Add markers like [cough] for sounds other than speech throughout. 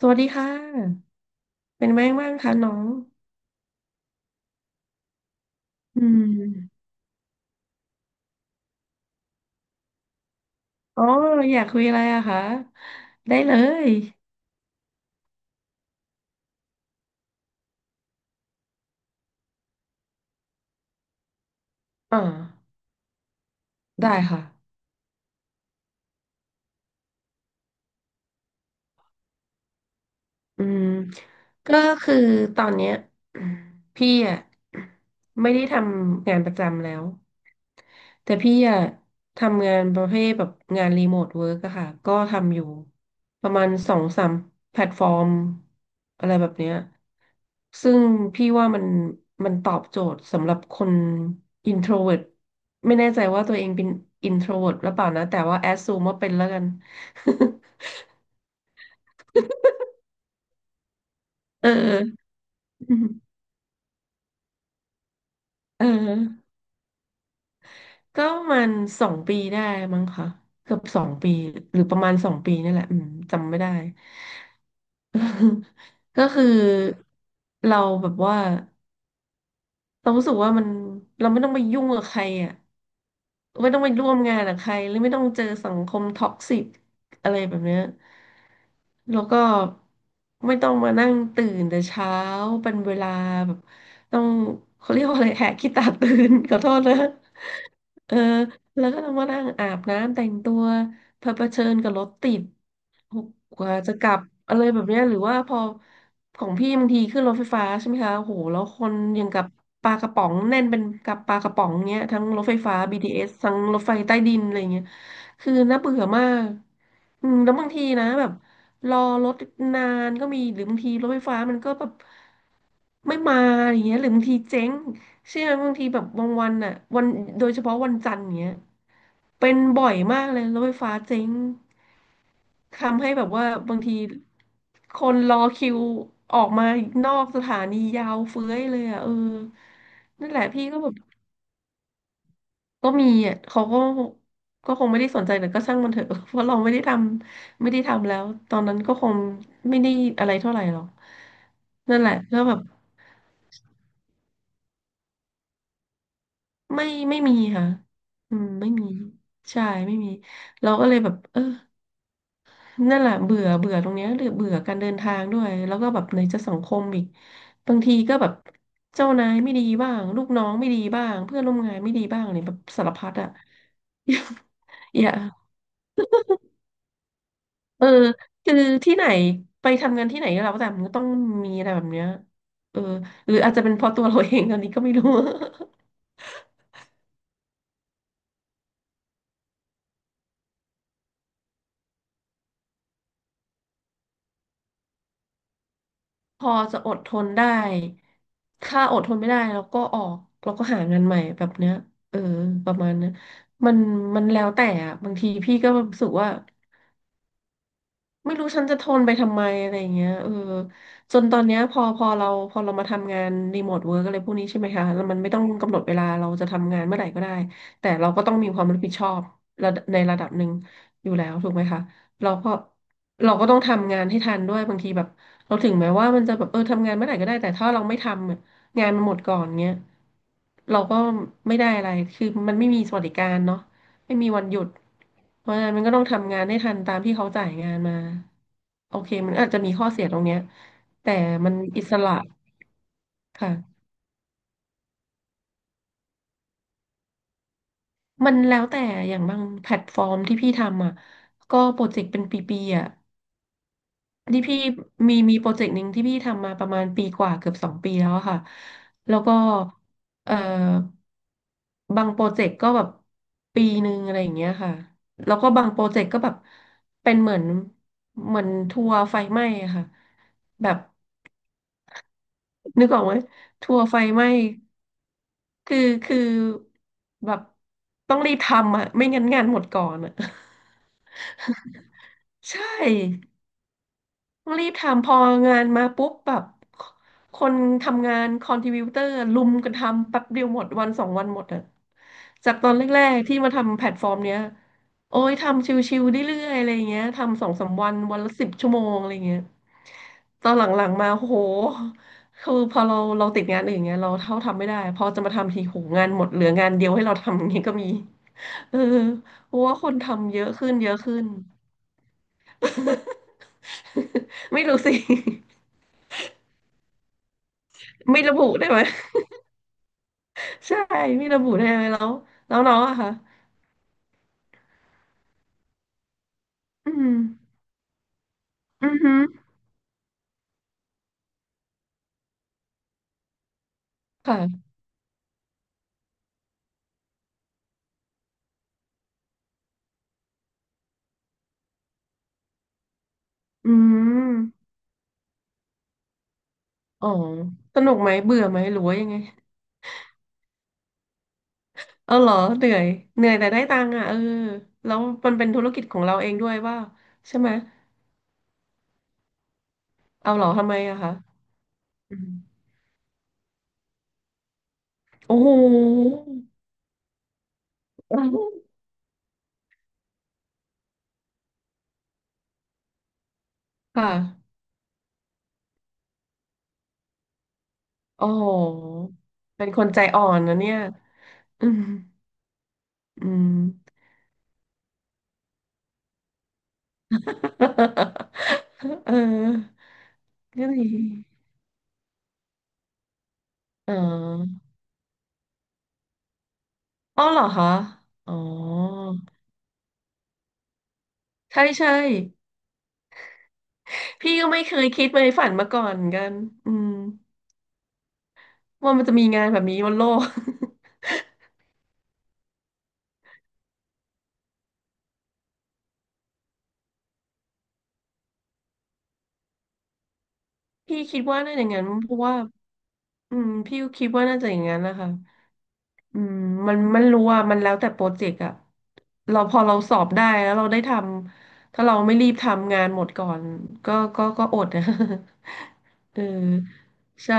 สวัสดีค่ะ เป็นไงบ้างคะน้องอืมอ๋ออยากคุยอะไรอะคะ ได้เลยอ่าได้ค่ะ อืม ก็คือตอนเนี้ย [clears throat] พี่อะไม่ได้ทำงานประจำแล้ว แต่พี่อะทำงานประเภทแบบงานรีโมทเวิร์กอะค่ะก็ทำอยู่ประมาณสองสามแพลตฟอร์มอะไรแบบเนี้ยซึ่งพี่ว่ามันตอบโจทย์สำหรับคนอินโทรเวิร์ตไม่แน่ใจว่าตัวเองเป็นอินโทรเวิร์ตหรือเปล่านะแต่ว่าแอดซูมว่าเป็นแล้วกัน [laughs] เออเออก็ประมาณสองปีได้มั้งค่ะเกือบสองปีหรือประมาณสองปีนี่แหละอืมจำไม่ได้ [laughs] ก็คือเราแบบว่าเรารู้สึกว่ามันเราไม่ต้องไปยุ่งกับใครอ่ะไม่ต้องไปร่วมงานกับใครหรือไม่ต้องเจอสังคมท็อกซิกอะไรแบบเนี้ยแล้วก็ไม่ต้องมานั่งตื่นแต่เช้าเป็นเวลาแบบต้องเขาเรียกว่าอะไรแหกขี้ตาตื่น [laughs] ขอโทษนะเออแล้วก็ต้องมานั่งอาบน้ำแต่งตัว เผเผชิญกับรถติดกว่าจะกลับอะไรแบบเนี้ยหรือว่าพอของพี่บางทีขึ้นรถไฟฟ้าใช่ไหมคะโอ้โหแล้วคนอยังกับปลากระป๋องแน่นเป็นกับปลากระป๋องเนี้ยทั้งรถไฟฟ้า BTS ทเอสทั้งรถไฟใต้ดินอะไรเงี้ยคือน่าเบื่อมากอืมแล้วบางทีนะแบบรอรถนานก็มีหรือบางทีรถไฟฟ้ามันก็แบบไม่มาอย่างเงี้ยหรือบางทีเจ๊งเชื่อไหมบางทีแบบบางวันอ่ะวันโดยเฉพาะวันจันทร์เงี้ยเป็นบ่อยมากเลยรถไฟฟ้าเจ๊ง ทำให้แบบว่าบางทีคนรอคิวออกมานอกสถานียาวเฟ้ยเลยอ่ะเออนั่นแหละพี่ก็แบบก็มีอ่ะเขาก็ก็คงไม่ได้สนใจแต่ก็ช่างมันเถอะ [laughs] เพราะเราไม่ได้ทำแล้วตอนนั้นก็คงไม่ได้อะไรเท่าไหร่หรอกนั่นแหละแล้วแบบไม่ไม่มีค่ะอืมไม่มีใช่ไม่มีเราก็เลยแบบเออ นั่นแหละเบื่อเบื่อตรงเนี้ยหรือเบื่อการเดินทางด้วยแล้วก็แบบไหนจะสังคมอีกบางทีก็แบบเจ้านายไม่ดีบ้างลูกน้องไม่ดีบ้างเพื่อนร่วมงานไม่ดีบ้างเนี่ยแบบสารพัดอ่ะ [laughs] อย่าเออคือที่ไหนไปทำงานที่ไหนก็แล้วแต่มันก็ต้องมีอะไรแบบเนี้ยเออหรืออาจจะเป็นเพราะตัวเรา [laughs] เองตอนนี้ก็ไม่รู้ พอจะอดทนได้ถ้าอดทนไม่ได้เราก็ออกเราก็หางานใหม่แบบเนี้ยเออประมาณนั้นมันมันแล้วแต่อะบางทีพี่ก็รู้สึกว่า ไม่รู้ฉันจะทนไปทำไมอะไรอย่างเงี้ยเออจนตอนเนี้ยพอเรามาทำงานรีโมทเวิร์กอะไรพวกนี้ใช่ไหมคะแล้วมันไม่ต้องกำหนดเวลาเราจะทำงานเมื่อไหร่ก็ได้แต่เราก็ต้องมีความรับผิดชอบระดับในระดับหนึ่งอยู่แล้วถูกไหมคะเราก็เราก็ต้องทำงานให้ทันด้วยบางทีแบบเราถึงแม้ว่ามันจะแบบเออทำงานเมื่อไหร่ก็ได้แต่ถ้าเราไม่ทำอะงานมันหมดก่อนเงี้ยเราก็ไม่ได้อะไรคือมันไม่มีสวัสดิการเนาะ ไม่มีวันหยุด เพราะฉะนั้นมันก็ต้องทำงานให้ทันตามที่เขาจ่ายงานมา โอเคมันอาจจะมีข้อเสียตรงเนี้ยแต่มันอิสระค่ะ มันแล้วแต่อย่างบางแพลตฟอร์มที่พี่ทำอ่ะก็โปรเจกต์เป็นปีๆอ่ะ ที่พี่มีโปรเจกต์หนึ่งที่พี่ทำมาประมาณปีกว่าเกือบสองปีแล้วอะค่ะแล้วก็เอ่อบางโปรเจกต์ก็แบบปีหนึ่งอะไรอย่างเงี้ยค่ะแล้วก็บางโปรเจกต์ก็แบบเป็นเหมือนทัวร์ไฟไหม้อะค่ะแบบนึกออกไหมทัวร์ไฟไหม้คือคือแบบต้องรีบทำอ่ะไม่งั้นงานหมดก่อนอ่ะ [laughs] ใช่ ต้องรีบทำพองานมาปุ๊บแบบคนทำงานคอนทริบิวเตอร์ลุมกันทำแป๊บเดียวหมดวันสองวันหมดอะจากตอนแรกๆที่มาทำแพลตฟอร์มเนี้ยโอ้ยทำชิวๆเรื่อยๆอะไรอย่างเงี้ยทำสองสามวันวันละ10 ชั่วโมงอะไรอย่างเงี้ยตอนหลังๆมาโอ้โหคือพอเราติดงานอื่นเงี้ยเราเท่าทำไม่ได้พอจะมาทำทีโหงานหมดเหลืองานเดียวให้เราทำอย่างเงี้ยก็มีเออเพราะว่าคนทำเยอะขึ้นเยอะขึ้น [laughs] ไม่รู้สิ ไม่ระบุได้ไหม [laughs] ใช่ไม่ระบุได้ไหมแล้วน้องอะค่ะอืมอือฮึค่ะอืมอ๋อสนุกไหมเบื่อไหมหรือว่ายังไง [laughs] เอาเหรอเหนื่อยเหนื่อยแต่ได้ตังค์อ่ะเออแล้วมันเป็นธุรกิจของเราเองด้วยว่าใช่ไหมเอาเหรอทำไมอะคะอืมโอ้โหค่ะโอ้โหเป็นคนใจอ่อนนะเนี่ยอืมอืม [laughs] เออก็ดีอ๋อ อ๋อเหรอคะ อ๋อใช่ใช่พี่ก็ไม่เคยคิดไปฝันมาก่อนเหมือนกันอืมว่ามันจะมีงานแบบนี้บนโลก [laughs] พี่คิดว่าน่าจะอย่างนั้นเพราะว่าอืมพี่ก็คิดว่าน่าจะอย่างนั้นนะคะอืมมันรู้ว่ามันแล้วแต่โปรเจกต์อะเราพอเราสอบได้แล้วเราได้ทำถ้าเราไม่รีบทำงานหมดก่อนก็อดนะ [laughs] เออ ใช่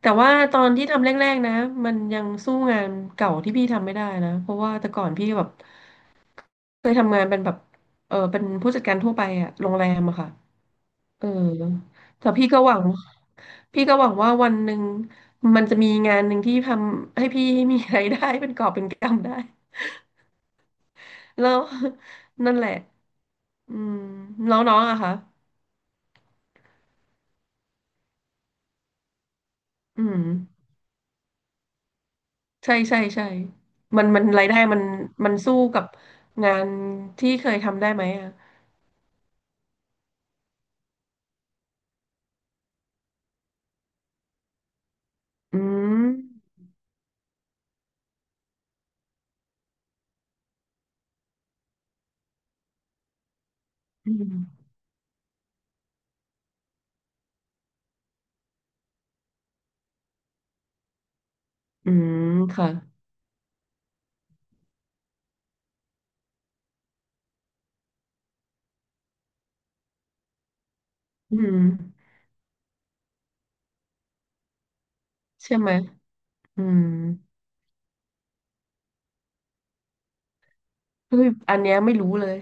แต่ว่าตอนที่ทำแรกๆนะมันยังสู้งานเก่าที่พี่ทำไม่ได้นะเพราะว่าแต่ก่อนพี่แบบเคยทำงานเป็นแบบเออเป็นผู้จัดการทั่วไปอะโรงแรมอะค่ะเออแต่พี่ก็หวังว่าวันหนึ่งมันจะมีงานหนึ่งที่ทำให้พี่มีรายได้ [laughs] เป็นกอบเป็นกำได้แล้วนั่นแหละอืมแล้วน้องอะคะอืม ใช่ใช่ใช่ มันรายได้มันมันสู้กับงานที่เคยทำได้ไหมอ่ะ อืม อืม อืม ค่ะ อืมใช่ไหม อืมเฮ้ยอันเนี้ยไม่รู้เลย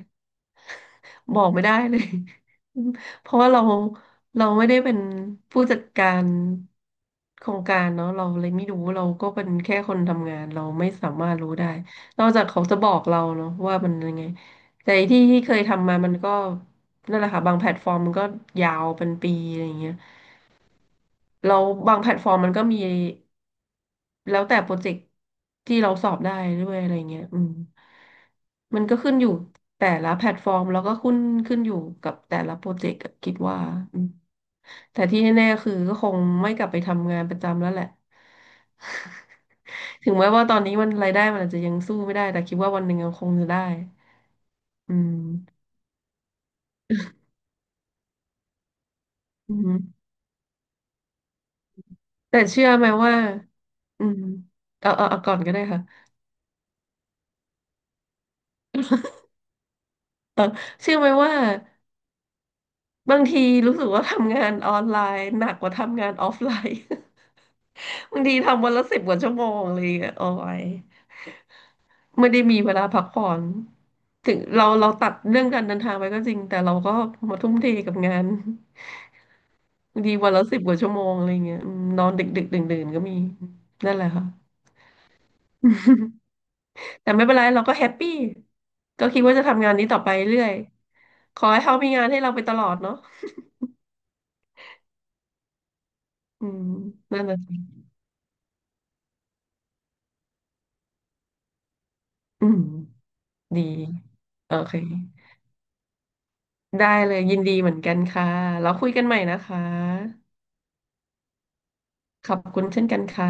บอกไม่ได้เลย [laughs] เพราะว่าเราไม่ได้เป็นผู้จัดการโครงการเนาะเราเลยไม่รู้เราก็เป็นแค่คนทำงานเราไม่สามารถรู้ได้นอกจากเขาจะบอกเราเนาะว่ามันยังไงแต่ที่ที่เคยทำมามันก็นั่นแหละค่ะบางแพลตฟอร์มมันก็ยาวเป็นปีอะไรอย่างเงี้ยเราบางแพลตฟอร์มมันก็มี แล้วแต่โปรเจกต์ที่เราสอบได้ด้วยอะไรเงี้ยอืมมันก็ขึ้นอยู่แต่ละแพลตฟอร์มแล้วก็ขึ้นอยู่กับแต่ละโปรเจกต์อะคิดว่าอืมแต่ที่แน่ๆคือก็คงไม่กลับไปทำงานประจำแล้วแหละ [laughs] ถึงแม้ว่าตอนนี้มันรายได้มันอาจจะยังสู้ไม่ได้แต่คิดว่าวันหนึ่งมันคงจะได้อืมอืมแต่เชื่อไหมว่าอืมเอาก่อนก็ได้ค่ะเออเชื่อไหมว่า บางทีรู้สึกว่าทำงานออนไลน์หนักกว่าทำงานออฟไลน์ [laughs] บางทีทำวันละสิบกว่าชั่วโมงเลยอะโอ้ยไม่ได้มีเวลาพักผ่อนถึงเราตัดเรื่องการเดินทางไปก็จริงแต่เราก็มาทุ่มเทกับงานบางทีวันละสิบกว่าชั่วโมงอะไรเงี้ยอืมนอนดึกดื่นดื่นๆก็มีนั่นแหละค่ะ [laughs] แต่ไม่เป็นไรเราก็แฮปปี้ก็คิดว่าจะทำงานนี้ต่อไปเรื่อยขอให้เขามีงานให้เราไปตลอดเนาะอืมนั่นแหละสิอืมดีโอเค ได้เลยยินดีเหมือนกันค่ะแล้วคุยกันใหม่นะคะขอบคุณเช่นกันค่ะ